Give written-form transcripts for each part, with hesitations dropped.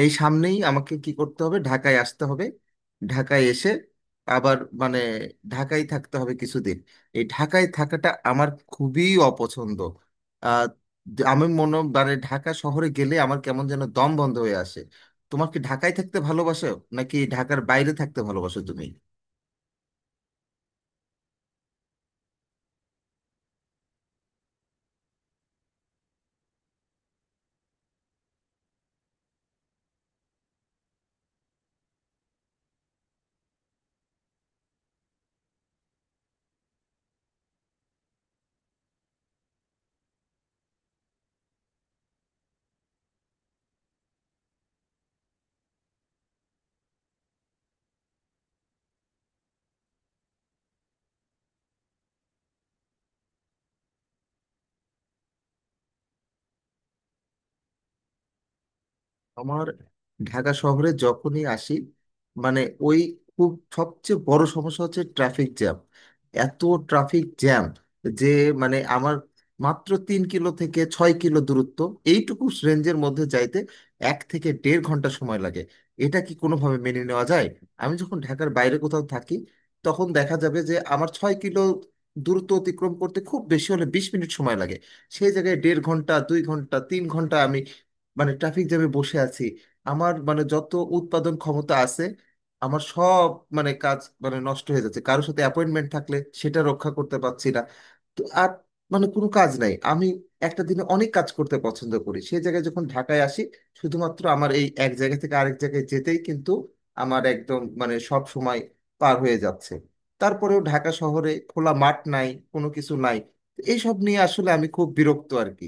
এই সামনেই আমাকে কি করতে হবে, ঢাকায় আসতে হবে। ঢাকায় এসে আবার মানে ঢাকায় থাকতে হবে কিছুদিন। এই ঢাকায় থাকাটা আমার খুবই অপছন্দ। আহ, আমি মানে ঢাকা শহরে গেলে আমার কেমন যেন দম বন্ধ হয়ে আসে। তোমার কি ঢাকায় থাকতে ভালোবাসো নাকি ঢাকার বাইরে থাকতে ভালোবাসো তুমি? আমার ঢাকা শহরে যখনই আসি, মানে ওই, খুব, সবচেয়ে বড় সমস্যা হচ্ছে ট্রাফিক জ্যাম। এত ট্রাফিক জ্যাম যে মানে আমার মাত্র 3 কিলো থেকে 6 কিলো দূরত্ব, এইটুকু রেঞ্জের মধ্যে যাইতে এক থেকে দেড় ঘন্টা সময় লাগে। এটা কি কোনোভাবে মেনে নেওয়া যায়? আমি যখন ঢাকার বাইরে কোথাও থাকি তখন দেখা যাবে যে আমার 6 কিলো দূরত্ব অতিক্রম করতে খুব বেশি হলে 20 মিনিট সময় লাগে। সেই জায়গায় দেড় ঘন্টা, দুই ঘন্টা, তিন ঘন্টা আমি মানে ট্রাফিক জ্যামে বসে আছি। আমার মানে যত উৎপাদন ক্ষমতা আছে আমার সব মানে কাজ মানে নষ্ট হয়ে যাচ্ছে। কারোর সাথে অ্যাপয়েন্টমেন্ট থাকলে সেটা রক্ষা করতে পারছি না। তো আর মানে কোনো কাজ নাই। আমি একটা দিনে অনেক কাজ করতে পছন্দ করি, সেই জায়গায় যখন ঢাকায় আসি শুধুমাত্র আমার এই এক জায়গা থেকে আরেক জায়গায় যেতেই কিন্তু আমার একদম মানে সব সময় পার হয়ে যাচ্ছে। তারপরেও ঢাকা শহরে খোলা মাঠ নাই, কোনো কিছু নাই। এইসব নিয়ে আসলে আমি খুব বিরক্ত আর কি।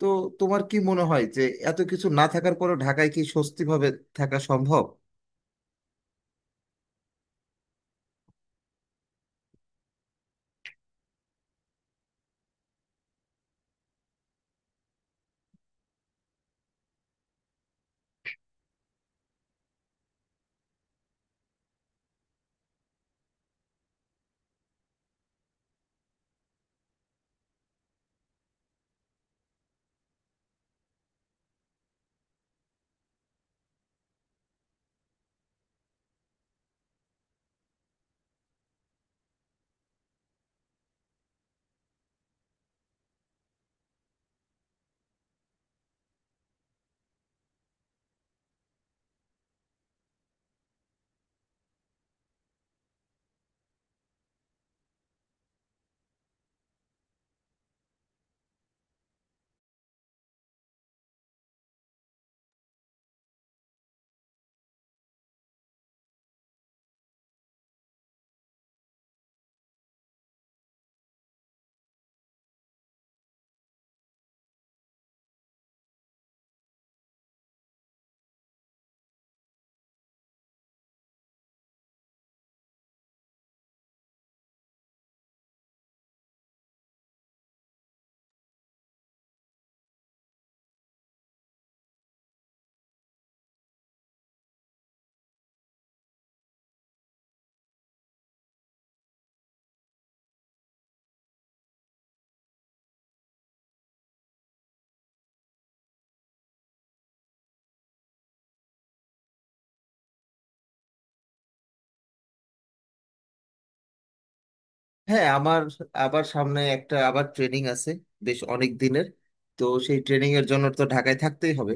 তো তোমার কি মনে হয় যে এত কিছু না থাকার পরে ঢাকায় কি স্বস্তি ভাবে থাকা সম্ভব? হ্যাঁ, আমার আবার সামনে একটা ট্রেনিং আছে, বেশ অনেক দিনের। তো সেই ট্রেনিং এর জন্য তো ঢাকায় থাকতেই হবে।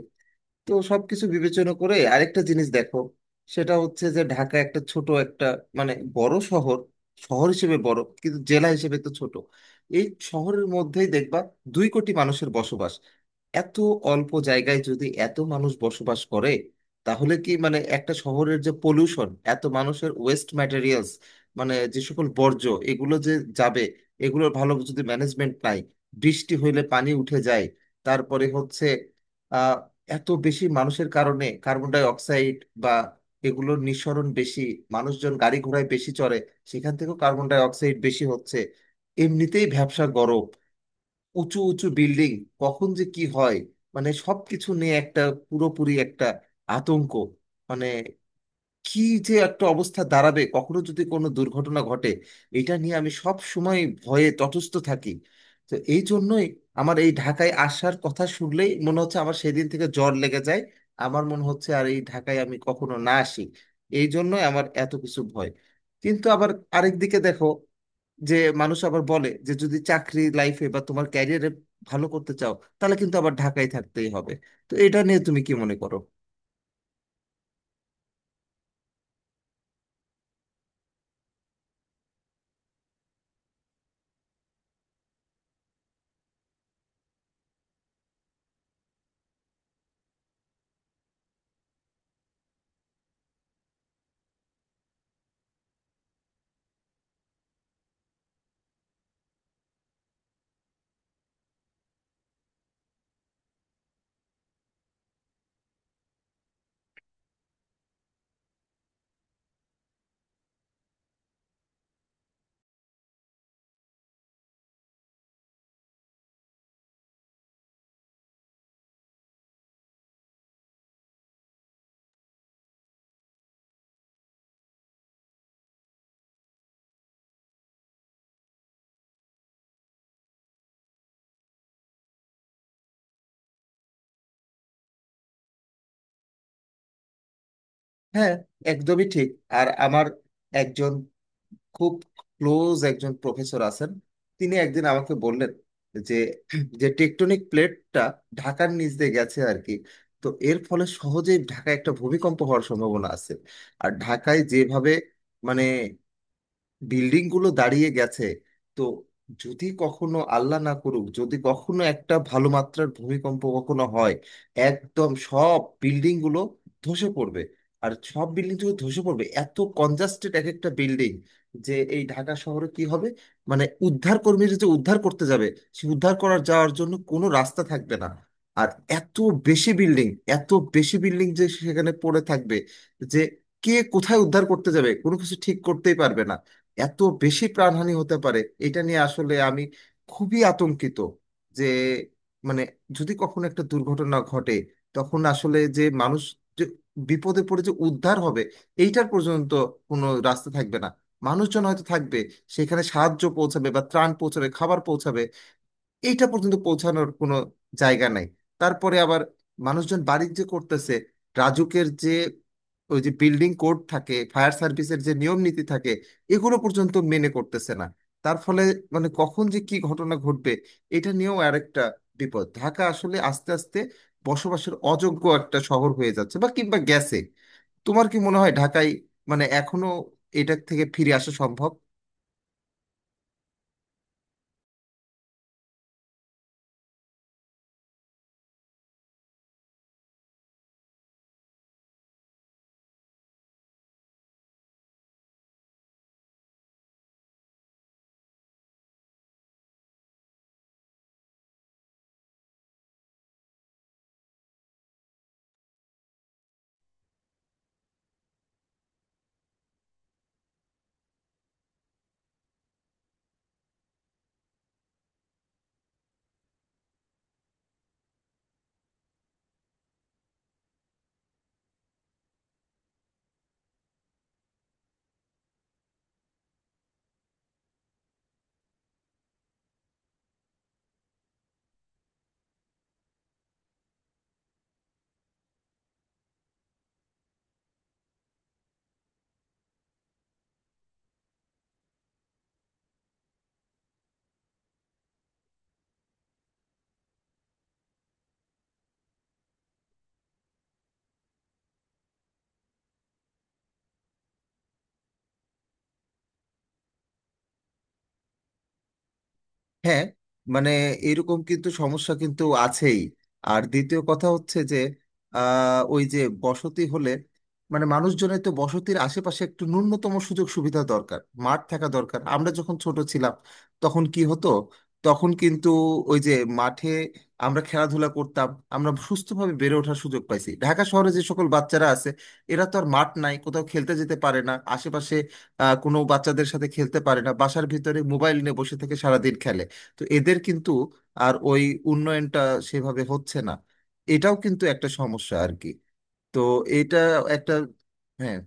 তো সবকিছু বিবেচনা করে আরেকটা জিনিস দেখো, সেটা হচ্ছে যে ঢাকা একটা ছোট একটা মানে বড় শহর, শহর হিসেবে বড় কিন্তু জেলা হিসেবে তো ছোট। এই শহরের মধ্যেই দেখবা 2 কোটি মানুষের বসবাস। এত অল্প জায়গায় যদি এত মানুষ বসবাস করে তাহলে কি মানে একটা শহরের যে পলিউশন, এত মানুষের ওয়েস্ট ম্যাটেরিয়ালস মানে যে সকল বর্জ্য এগুলো যে যাবে, এগুলোর ভালো যদি ম্যানেজমেন্ট নাই, বৃষ্টি হইলে পানি উঠে যায়। তারপরে হচ্ছে এত বেশি মানুষের কারণে কার্বন ডাই অক্সাইড বা এগুলোর নিঃসরণ বেশি। মানুষজন গাড়ি ঘোড়ায় বেশি চড়ে, সেখান থেকেও কার্বন ডাই অক্সাইড বেশি হচ্ছে। এমনিতেই ভ্যাবসা গরম, উঁচু উঁচু বিল্ডিং, কখন যে কি হয়, মানে সবকিছু নিয়ে একটা পুরোপুরি একটা আতঙ্ক। মানে কি যে একটা অবস্থা দাঁড়াবে কখনো যদি কোনো দুর্ঘটনা ঘটে, এটা নিয়ে আমি সব সময় ভয়ে তটস্থ থাকি। তো এই জন্যই আমার এই ঢাকায় আসার কথা শুনলেই মনে হচ্ছে আমার সেদিন থেকে জ্বর লেগে যায়। আমার মনে হচ্ছে আর এই ঢাকায় আমি কখনো না আসি। এই জন্যই আমার এত কিছু ভয়। কিন্তু আবার আরেক দিকে দেখো যে মানুষ আবার বলে যে যদি চাকরি লাইফে বা তোমার ক্যারিয়ারে ভালো করতে চাও তাহলে কিন্তু আবার ঢাকায় থাকতেই হবে। তো এটা নিয়ে তুমি কি মনে করো? হ্যাঁ, একদমই ঠিক। আর আমার একজন খুব ক্লোজ একজন প্রফেসর আছেন। তিনি একদিন আমাকে বললেন যে, যে টেকটনিক প্লেটটা ঢাকার নিচ দিয়ে গেছে আর কি, তো এর ফলে সহজেই ঢাকায় একটা ভূমিকম্প হওয়ার সম্ভাবনা আছে। আর ঢাকায় যেভাবে মানে বিল্ডিং গুলো দাঁড়িয়ে গেছে, তো যদি কখনো আল্লাহ না করুক যদি কখনো একটা ভালো মাত্রার ভূমিকম্প কখনো হয়, একদম সব বিল্ডিং গুলো ধসে পড়বে। আর সব বিল্ডিং গুলো ধসে পড়বে, এত কনজাস্টেড এক একটা বিল্ডিং যে এই ঢাকা শহরে কি হবে, মানে উদ্ধার কর্মীরা যে উদ্ধার করতে যাবে, সে উদ্ধার করার যাওয়ার জন্য কোনো রাস্তা থাকবে না। আর এত বেশি বিল্ডিং, এত বেশি বিল্ডিং যে সেখানে পড়ে থাকবে যে কে কোথায় উদ্ধার করতে যাবে কোনো কিছু ঠিক করতেই পারবে না। এত বেশি প্রাণহানি হতে পারে। এটা নিয়ে আসলে আমি খুবই আতঙ্কিত যে মানে যদি কখনো একটা দুর্ঘটনা ঘটে তখন আসলে যে মানুষ যে বিপদে পড়ে যে উদ্ধার হবে এইটার পর্যন্ত কোনো রাস্তা থাকবে না। মানুষজন হয়তো থাকবে সেখানে, সাহায্য পৌঁছাবে বা ত্রাণ পৌঁছাবে, খাবার পৌঁছাবে, এইটা পর্যন্ত পৌঁছানোর কোনো জায়গা নাই। তারপরে আবার মানুষজন বাণিজ্য করতেছে, রাজুকের যে ওই যে বিল্ডিং কোড থাকে, ফায়ার সার্ভিসের যে নিয়ম নীতি থাকে, এগুলো পর্যন্ত মেনে করতেছে না। তার ফলে মানে কখন যে কি ঘটনা ঘটবে এটা নিয়েও আরেকটা বিপদ। ঢাকা আসলে আস্তে আস্তে বসবাসের অযোগ্য একটা শহর হয়ে যাচ্ছে বা কিংবা গেছে। তোমার কি মনে হয় ঢাকায় মানে এখনো এটা থেকে ফিরে আসা সম্ভব? হ্যাঁ, মানে এরকম কিন্তু সমস্যা কিন্তু আছেই। আর দ্বিতীয় কথা হচ্ছে যে, ওই যে বসতি হলে মানে মানুষজনের তো বসতির আশেপাশে একটু ন্যূনতম সুযোগ সুবিধা দরকার, মাঠ থাকা দরকার। আমরা যখন ছোট ছিলাম তখন কি হতো, তখন কিন্তু ওই যে মাঠে আমরা খেলাধুলা করতাম, আমরা সুস্থভাবে বেড়ে ওঠার সুযোগ পাইছি। ঢাকা শহরে যে সকল বাচ্চারা আছে এরা তো আর মাঠ নাই, কোথাও খেলতে যেতে পারে না আশেপাশে। কোনো বাচ্চাদের সাথে খেলতে পারে না, বাসার ভিতরে মোবাইল নিয়ে বসে থেকে সারাদিন খেলে। তো এদের কিন্তু আর ওই উন্নয়নটা সেভাবে হচ্ছে না। এটাও কিন্তু একটা সমস্যা আর কি। তো এটা একটা, হ্যাঁ।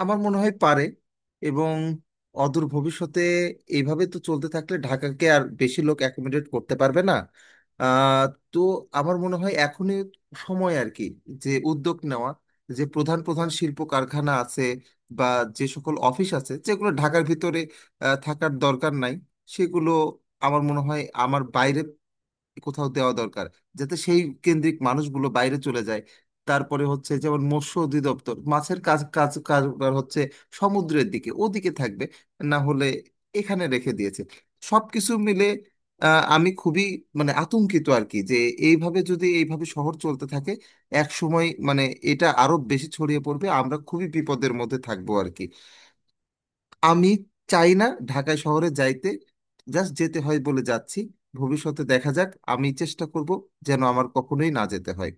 আমার মনে হয় পারে, এবং অদূর ভবিষ্যতে এইভাবে তো চলতে থাকলে ঢাকাকে আর বেশি লোক অ্যাকোমোডেট করতে পারবে না। আহ, তো আমার মনে হয় এখনই সময় আর কি যে উদ্যোগ নেওয়া, যে প্রধান প্রধান শিল্প কারখানা আছে বা যে সকল অফিস আছে যেগুলো ঢাকার ভিতরে থাকার দরকার নাই, সেগুলো আমার মনে হয় আমার বাইরে কোথাও দেওয়া দরকার, যাতে সেই কেন্দ্রিক মানুষগুলো বাইরে চলে যায়। তারপরে হচ্ছে যেমন মৎস্য অধিদপ্তর মাছের কাজ কাজ কারবার হচ্ছে, সমুদ্রের দিকে ওদিকে থাকবে, না হলে এখানে রেখে দিয়েছে। সবকিছু মিলে আমি খুবই মানে আতঙ্কিত আর কি, যে এইভাবে যদি এইভাবে শহর চলতে থাকে এক সময় মানে এটা আরো বেশি ছড়িয়ে পড়বে, আমরা খুবই বিপদের মধ্যে থাকবো আর কি। আমি চাই না ঢাকায় শহরে যাইতে, জাস্ট যেতে হয় বলে যাচ্ছি। ভবিষ্যতে দেখা যাক, আমি চেষ্টা করব যেন আমার কখনোই না যেতে হয়।